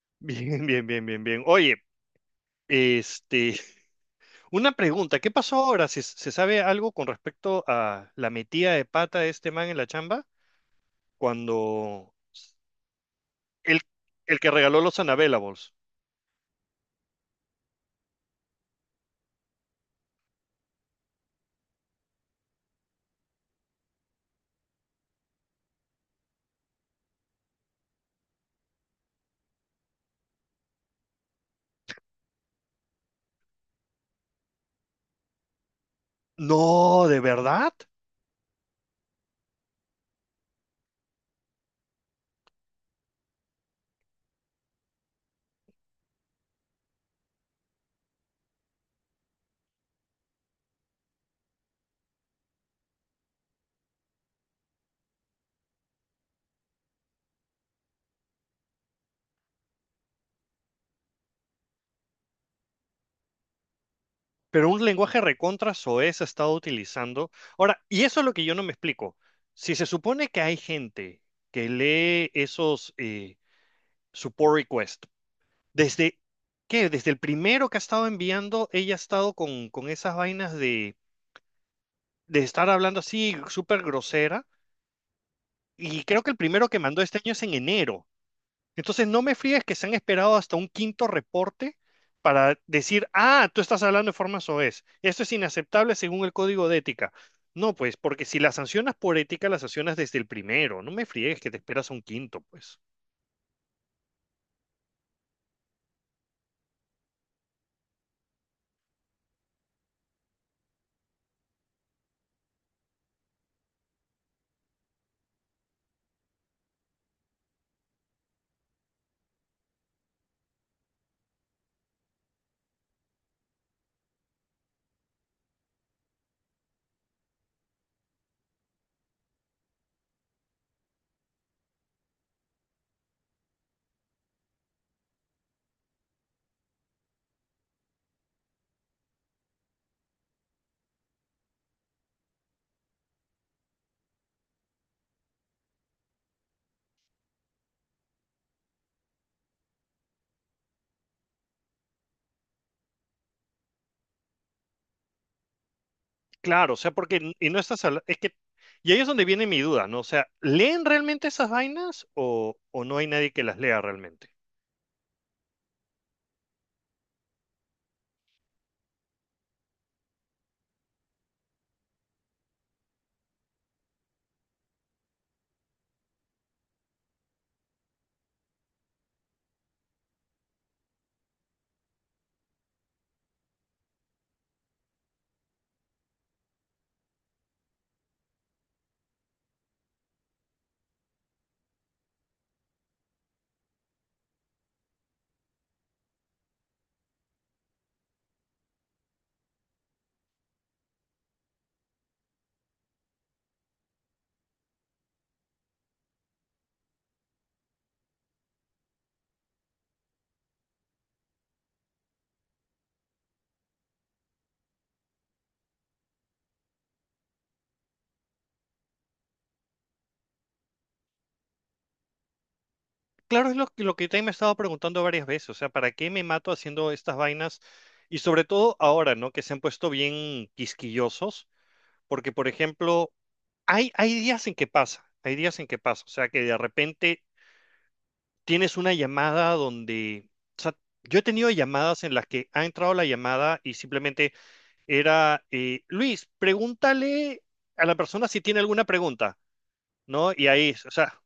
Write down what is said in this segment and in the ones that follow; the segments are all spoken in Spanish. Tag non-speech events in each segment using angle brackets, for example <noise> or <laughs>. <laughs> Bien, bien, bien, bien, bien. Oye, este, <laughs> una pregunta, ¿qué pasó ahora? ¿Se sabe algo con respecto a la metida de pata de este man en la chamba? Cuando el, el que regaló los Unavailables. No, ¿de verdad? Pero un lenguaje recontra soez ha estado utilizando. Ahora, y eso es lo que yo no me explico. Si se supone que hay gente que lee esos support requests. Desde, ¿Qué? Desde el primero que ha estado enviando, ella ha estado con esas vainas de estar hablando así súper grosera. Y creo que el primero que mandó este año es en enero. Entonces no me fríes que se han esperado hasta un quinto reporte para decir, ah, tú estás hablando de forma soez. Esto es inaceptable según el código de ética. No, pues, porque si las sancionas por ética, las sancionas desde el primero. No me fríes que te esperas a un quinto, pues. Claro, o sea, porque y no estás es que y ahí es donde viene mi duda, ¿no? O sea, ¿leen realmente esas vainas o no hay nadie que las lea realmente? Claro, es lo que también me he estado preguntando varias veces, o sea, ¿para qué me mato haciendo estas vainas? Y sobre todo ahora, ¿no? Que se han puesto bien quisquillosos, porque por ejemplo, hay días en que pasa, hay días en que pasa, o sea, que de repente tienes una llamada donde, o sea, yo he tenido llamadas en las que ha entrado la llamada y simplemente era, Luis, pregúntale a la persona si tiene alguna pregunta, ¿no? Y ahí, o sea,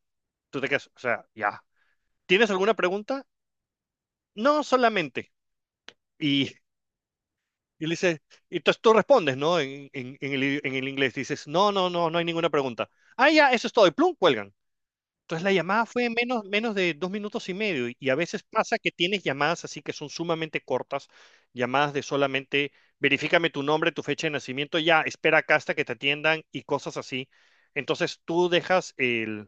tú te quedas, o sea, ya. ¿Tienes alguna pregunta? No, solamente. Y, <laughs> y le dices, y entonces tú respondes, ¿no? En el inglés, dices, no, no, no, no hay ninguna pregunta. Ah, ya, eso es todo. Y plum, cuelgan. Entonces la llamada fue menos de 2 minutos y medio y a veces pasa que tienes llamadas así que son sumamente cortas, llamadas de solamente verifícame tu nombre, tu fecha de nacimiento, ya, espera acá hasta que te atiendan y cosas así. Entonces tú dejas el,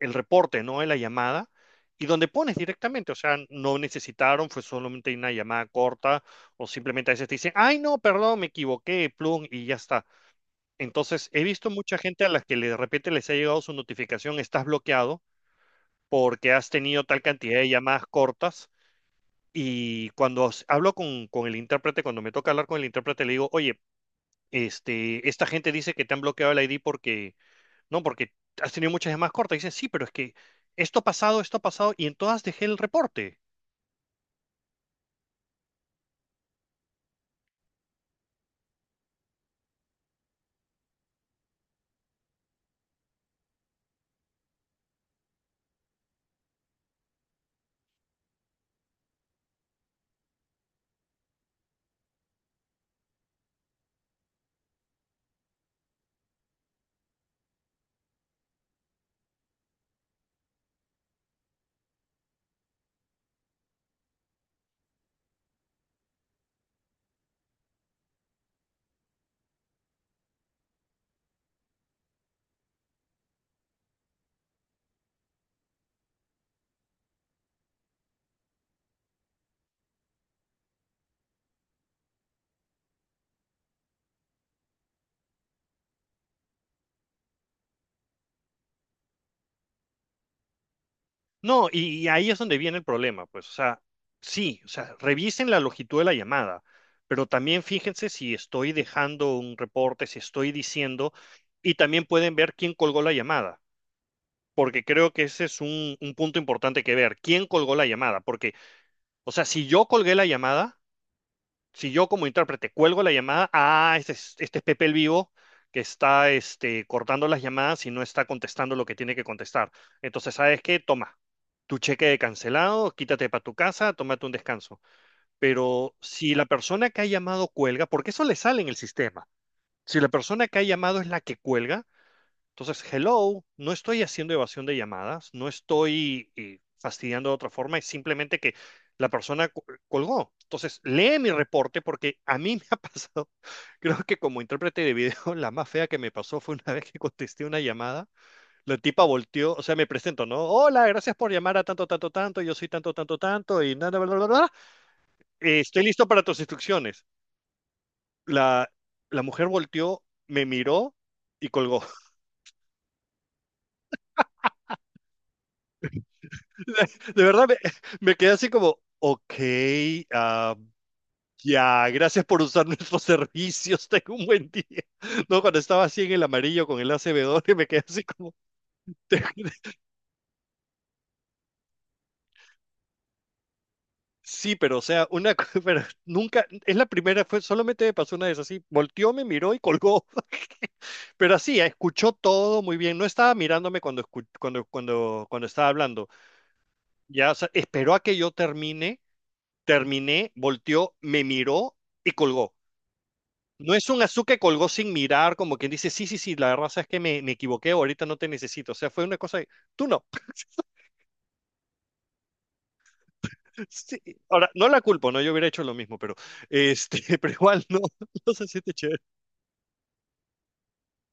el reporte, ¿no? En la llamada y donde pones directamente, o sea, no necesitaron, fue solamente una llamada corta o simplemente a veces te dicen, ay, no, perdón, me equivoqué, plum, y ya está. Entonces he visto mucha gente a la que de repente les ha llegado su notificación, estás bloqueado porque has tenido tal cantidad de llamadas cortas. Y cuando hablo con el intérprete, cuando me toca hablar con el intérprete, le digo, oye, este, esta gente dice que te han bloqueado el ID porque, no, porque has tenido muchas llamadas cortas. Dicen, sí, pero es que esto ha pasado, y en todas dejé el reporte. No, y ahí es donde viene el problema, pues, o sea, sí, o sea, revisen la longitud de la llamada, pero también fíjense si estoy dejando un reporte, si estoy diciendo, y también pueden ver quién colgó la llamada. Porque creo que ese es un punto importante que ver. ¿Quién colgó la llamada? Porque, o sea, si yo colgué la llamada, si yo como intérprete cuelgo la llamada, ah, este es Pepe el Vivo que está cortando las llamadas y no está contestando lo que tiene que contestar. Entonces, ¿sabes qué? Toma, tu cheque de cancelado, quítate para tu casa, tómate un descanso. Pero si la persona que ha llamado cuelga, porque eso le sale en el sistema, si la persona que ha llamado es la que cuelga, entonces, hello, no estoy haciendo evasión de llamadas, no estoy fastidiando de otra forma, es simplemente que la persona colgó. Entonces, lee mi reporte porque a mí me ha <laughs> pasado, creo que como intérprete de video, <laughs> la más fea que me pasó fue una <laughs> vez que contesté una llamada, la tipa volteó, o sea, me presento, ¿no? Hola, gracias por llamar a tanto, tanto, tanto, yo soy tanto, tanto, tanto, y nada, bla, bla, bla, bla. Estoy listo para tus instrucciones. La, la mujer volteó, me miró y colgó. <laughs> De verdad, me quedé así como, ok, ah, ya, gracias por usar <laughs> nuestros servicios, tengo un buen día. No, cuando estaba así en el amarillo con el acb y me quedé así como, <laughs> te- sí, pero o sea, <laughs> pero nunca, es la primera, fue, solamente me pasó una vez así, volteó, me miró y colgó. <laughs> Pero así, escuchó todo muy bien. No estaba mirándome cuando, cuando estaba hablando. Ya, o sea, esperó a que yo termine, terminé, volteó, me miró y colgó. No es un Azu que colgó sin mirar, como quien dice, sí, sí, sí, la verdad es que me equivoqué, ahorita no te necesito. O sea, fue una cosa, tú no. <laughs> Sí, ahora, no la culpo, ¿no? Yo hubiera hecho lo mismo, pero, <laughs> pero igual no, <laughs> no se siente chévere.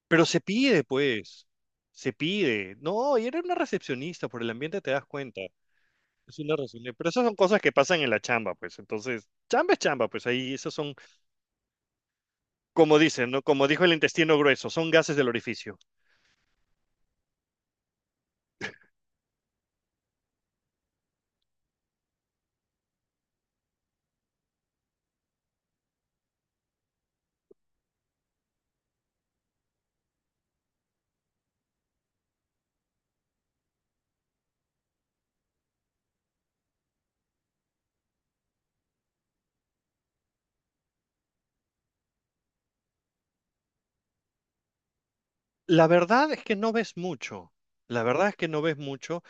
Pero se pide, pues, se pide. No, y era una recepcionista, por el ambiente te das cuenta. Es una recepcionista. Pero esas son cosas que pasan en la chamba, pues. Entonces, chamba es chamba, pues ahí, esos son, como dicen, ¿no? Como dijo el intestino grueso, son gases del orificio. La verdad es que no ves mucho. La verdad es que no ves mucho.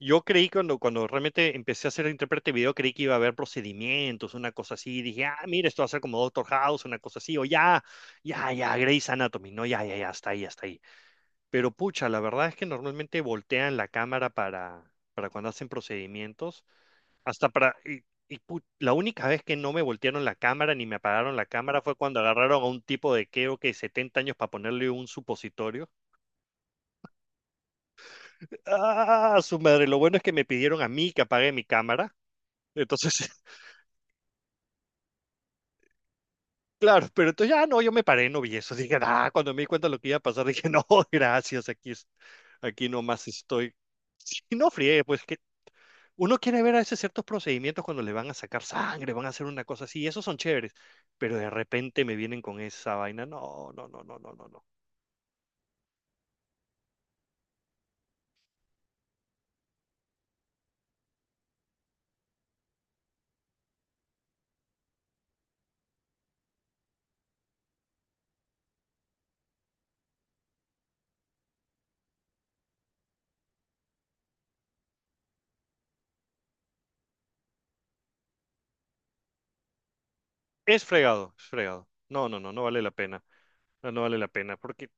Yo creí cuando realmente empecé a ser intérprete de video, creí que iba a haber procedimientos, una cosa así. Dije, ah, mira, esto va a ser como Doctor House, una cosa así. O ya, ya, ya, Grey's Anatomy. No, ya, ya, ya, hasta ahí, hasta ahí. Pero pucha, la verdad es que normalmente voltean la cámara para cuando hacen procedimientos. Hasta para. Y la única vez que no me voltearon la cámara ni me apagaron la cámara fue cuando agarraron a un tipo de creo que 70 años para ponerle un supositorio. Ah, su madre, lo bueno es que me pidieron a mí que apague mi cámara. Entonces, <laughs> claro, pero entonces ya no, yo me paré, no vi eso. Dije, ah, cuando me di cuenta de lo que iba a pasar, dije, no, <laughs> gracias, aquí, aquí nomás estoy. Sí, no friegue, pues que uno quiere ver a veces ciertos procedimientos cuando le van a sacar sangre, van a hacer una cosa así, esos son chéveres, pero de repente me vienen con esa vaina. No, no, no, no, no, no, no. Es fregado, es fregado. No, no, no, no vale la pena. No, no vale la pena, porque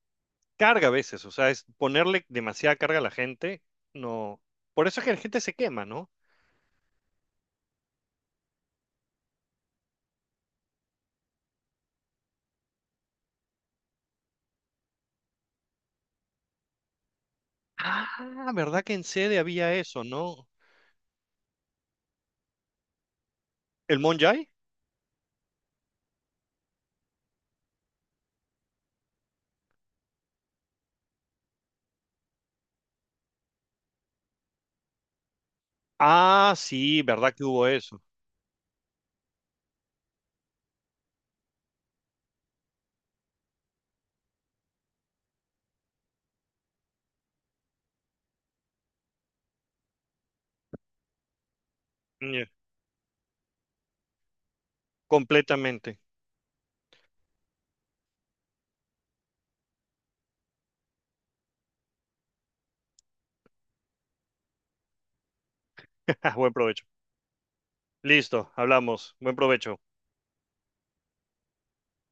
carga a veces, o sea, es ponerle demasiada carga a la gente, no. Por eso es que la gente se quema, ¿no? Ah, ¿verdad que en sede había eso, no? ¿El Monjay? Ah, sí, ¿verdad que hubo eso? Ñe, completamente. <laughs> Buen provecho. Listo, hablamos. Buen provecho.